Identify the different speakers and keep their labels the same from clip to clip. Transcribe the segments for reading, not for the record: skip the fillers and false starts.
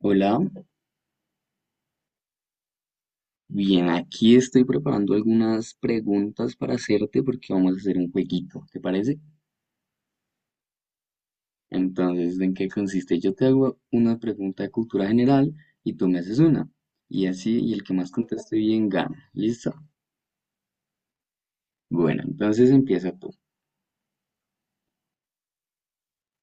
Speaker 1: Hola, bien, aquí estoy preparando algunas preguntas para hacerte porque vamos a hacer un jueguito, ¿te parece? Entonces, ¿en qué consiste? Yo te hago una pregunta de cultura general y tú me haces una. Y así, y el que más conteste bien gana. ¿Listo? Bueno, entonces empieza tú.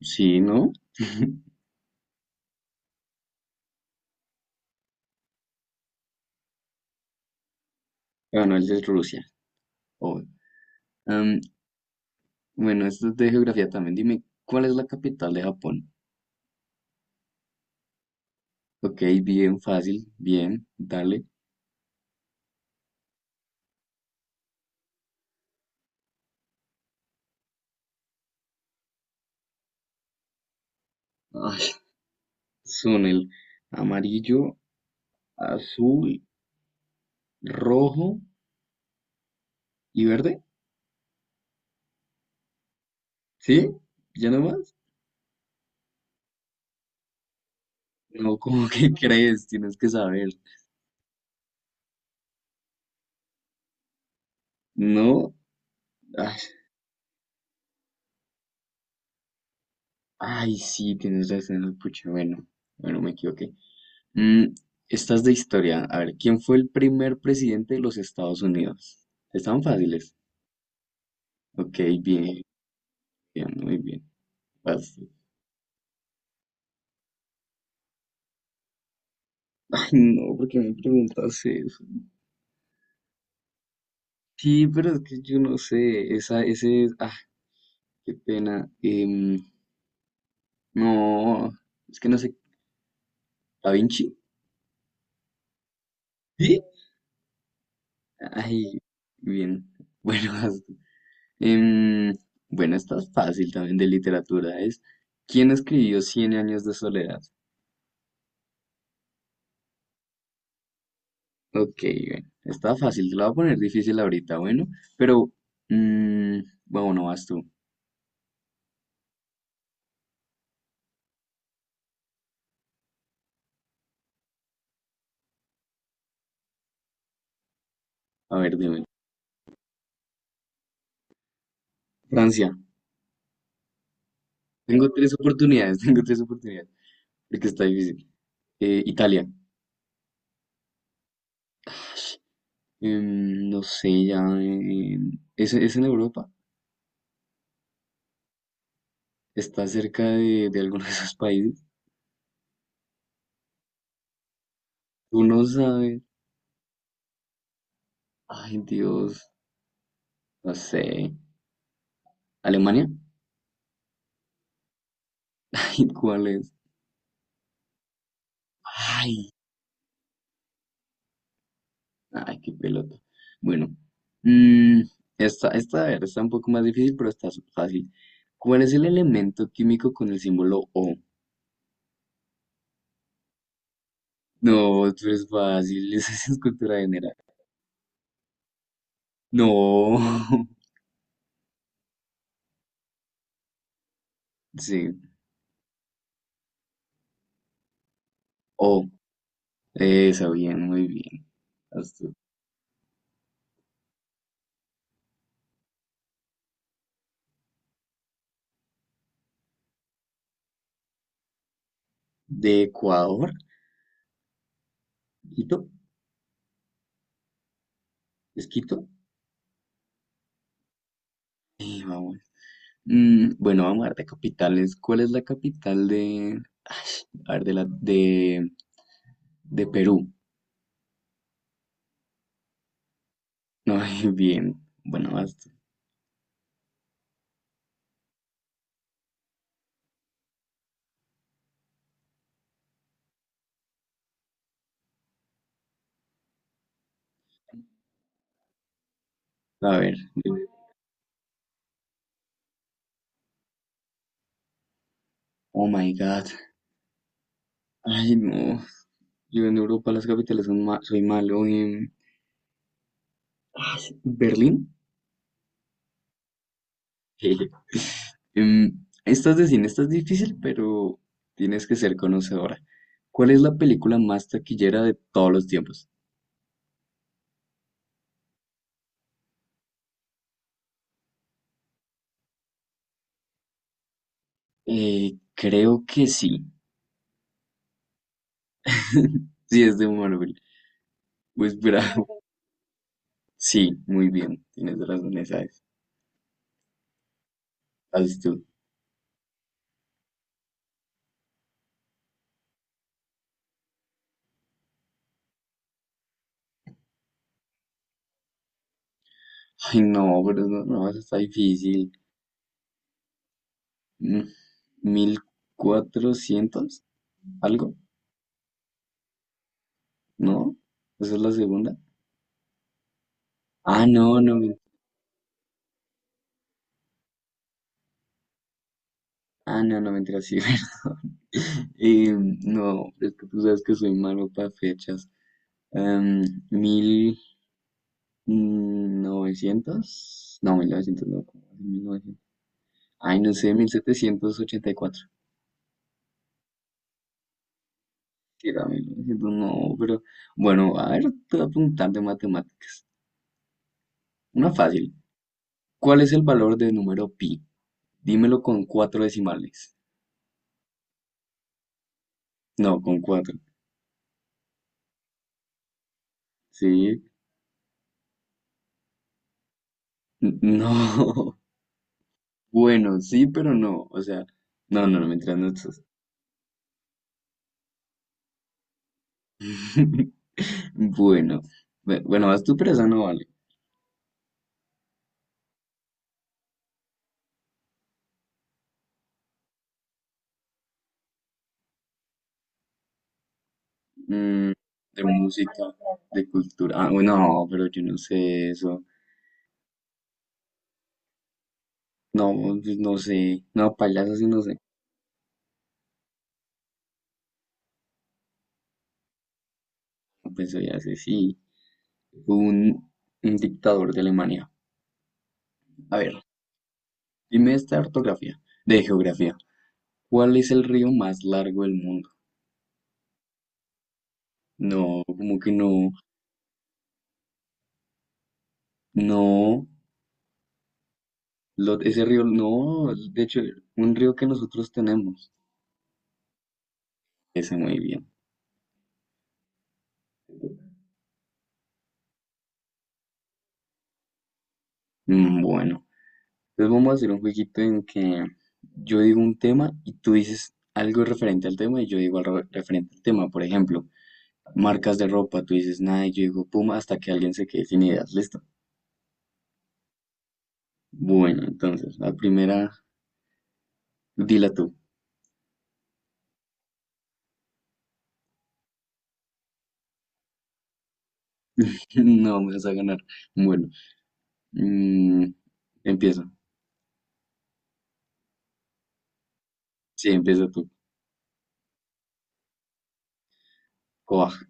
Speaker 1: ¿Sí, no? Bueno, el de Rusia. Oh. Am, bueno, esto es de geografía también. Dime, ¿cuál es la capital de Japón? Ok, bien fácil, bien, dale. Ay, son el amarillo, azul, rojo y verde. ¿Sí? ¿Ya no más? No, ¿cómo que crees? Tienes que saber. No. Ay, ay, sí, tienes razón, pucha. Bueno, bueno, me equivoqué. Mm, esta es de historia. A ver, ¿quién fue el primer presidente de los Estados Unidos? Están fáciles. Ok, bien, bien, muy bien. Vas. Ay, no, ¿porque me preguntas eso? Sí, pero es que yo no sé. Esa, ese, ah, qué pena. No, es que no sé. ¿Da Vinci? ¿Sí? Ay, bien. Bueno, tú. em, bueno, esta es fácil también de literatura. Es. ¿Quién escribió Cien años de soledad? Ok, bueno, está fácil. Te la voy a poner difícil ahorita, bueno. Pero, mm, bueno, no vas tú. A ver, dime. Francia. Tengo tres oportunidades, tengo tres oportunidades. Porque está difícil. Italia. No sé, ya. Es en Europa. Está cerca de alguno de esos países. Tú no sabes. Ay, Dios, no sé. ¿Alemania? Ay, ¿cuál es? Ay, ay, qué pelota. Bueno, mm, esta, a ver, está un poco más difícil, pero está fácil. ¿Cuál es el elemento químico con el símbolo O? No, tú eres fácil, esa es cultura general. No, sí, O, esa, bien, muy bien. Haz tú. ¿De Ecuador? ¿Quito? ¿Es Quito? Sí, vamos. Mm, bueno, vamos a ver de capitales. ¿Cuál es la capital de... Ay, a ver, de la... de Perú? Ay, bien. Bueno, basta. A ver. Oh my God. Ay, no. Yo en Europa las capitales son soy malo. Ay, ¿Berlín? Jeje. Esta es de cine, esta es difícil, pero tienes que ser conocedora. ¿Cuál es la película más taquillera de todos los tiempos? Creo que sí. Sí, es de Marvel. Pues, espera. Sí, muy bien, tienes razón, esa es. Haz tú. Ay, no, pero no, no, eso está difícil. Mm, ¿1400? ¿Algo? ¿No? ¿Esa es la segunda? Ah, no, no, ah, no, no, mentira, sí, perdón. Eh, no, es que tú sabes que soy malo para fechas. Em, ¿Mil novecientos? No, mil novecientos no, ¿cómo es? 1900. Ay, no sé, 1784. Sí, también lo siento, no, pero bueno, a ver, te voy a preguntar de matemáticas. Una fácil. ¿Cuál es el valor del número pi? Dímelo con cuatro decimales. No, con cuatro. Sí. N- No. Bueno, sí, pero no. O sea, no, no, no, mientras no estás. Bueno, bueno, vas tú, pero esa no vale. Mm, de música, de cultura. Ah, bueno, no, pero yo no sé eso. No, pues no sé. No, payaso sí no sé. Pues ya sé, sí. un, un dictador de Alemania. A ver, dime esta ortografía de geografía. ¿Cuál es el río más largo del mundo? No, como que no, no, ese río, no, de hecho, un río que nosotros tenemos. Ese muy bien. Bueno, entonces vamos a hacer un jueguito en que yo digo un tema y tú dices algo referente al tema y yo digo algo referente al tema. Por ejemplo, marcas de ropa, tú dices nada y yo digo puma hasta que alguien se quede sin ideas. ¿Listo? Bueno, entonces, la primera. Dila tú. No me vas a ganar. Bueno, mm, empieza. Sí, empieza tú. Coag,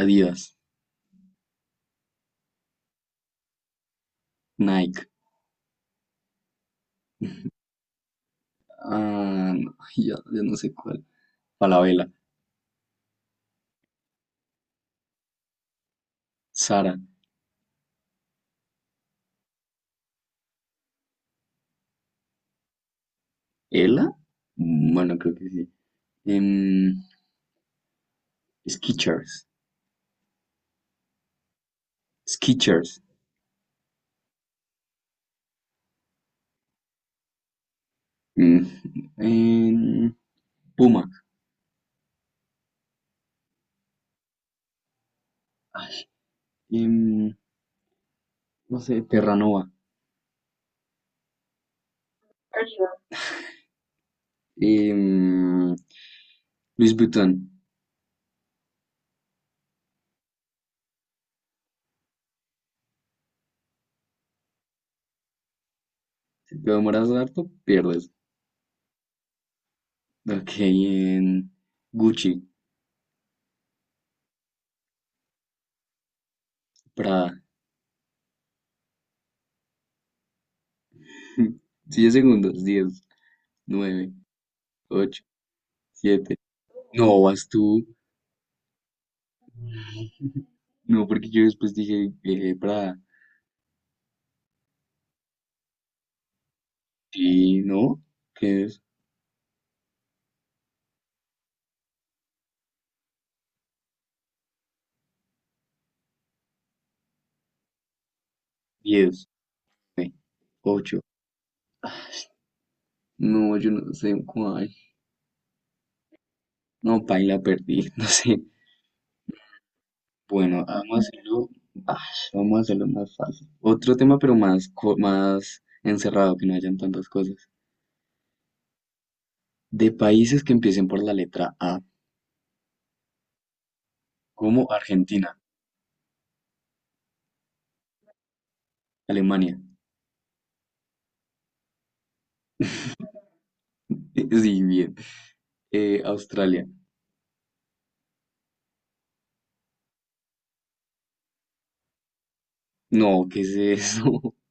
Speaker 1: Adidas, Nike. Ah, no, ya, ya no sé cuál. Falabella, Sara, ¿Ela? Mm. Bueno, creo que sí. Em, Skechers, Skechers. Mm, em, Puma. Em, no sé, Terranova. Em, Luis Vuitton. Si te demoras harto, pierdes. Ok, en Gucci. Prada. 10 segundos. Diez, nueve, ocho, siete. No, vas tú. No, porque yo después dije Prada. Y no, ¿qué es? Diez, nueve, ocho. No, yo no sé cuál. No, paila, perdí. No sé. Bueno, vamos a hacerlo. Ay, vamos a hacerlo más fácil. Otro tema, pero más, más encerrado, que no hayan tantas cosas. De países que empiecen por la letra A, como Argentina, Alemania. Sí, bien. Australia. No, ¿qué es eso?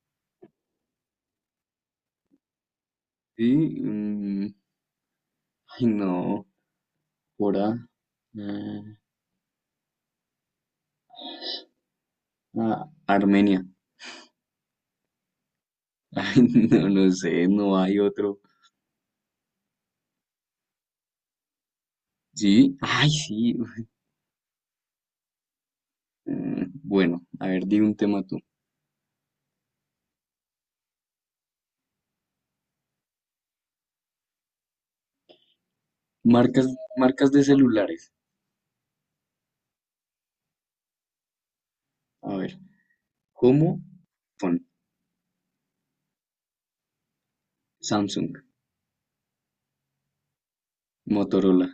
Speaker 1: Sí, mm, ay, no. Por A. Ah, ah, Armenia. Ay, no, no sé, no hay otro. Sí, ay, sí. Uf, bueno, a ver, di un tema tú. Marcas, marcas de celulares. A ver, ¿cómo? Phone, Samsung, Motorola,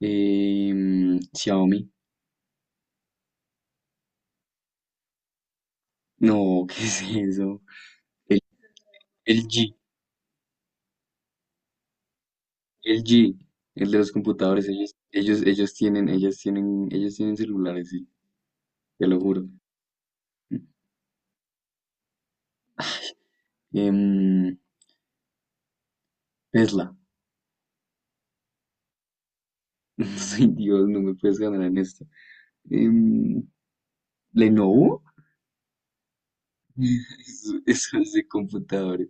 Speaker 1: Xiaomi. No, ¿qué es eso? El, G. El G, el de los computadores, ellos tienen, ellas tienen, ellos tienen celulares, sí, te lo juro. Em, Tesla. Soy Dios, no me puedes ganar en esto. Em, Lenovo. Eso es de computadores.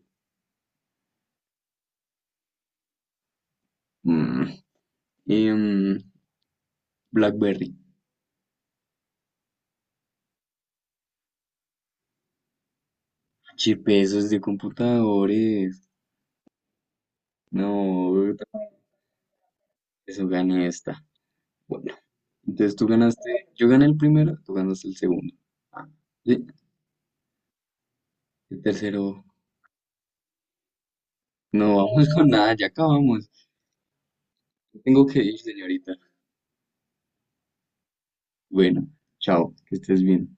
Speaker 1: Mm. Em, BlackBerry. Chip, eso es de computadores. No, eso gana esta. Bueno, entonces tú ganaste, yo gané el primero, tú ganaste el segundo. Ah, sí, el tercero. No vamos con nada, ya acabamos. Tengo que ir, señorita. Bueno, chao, que estés bien.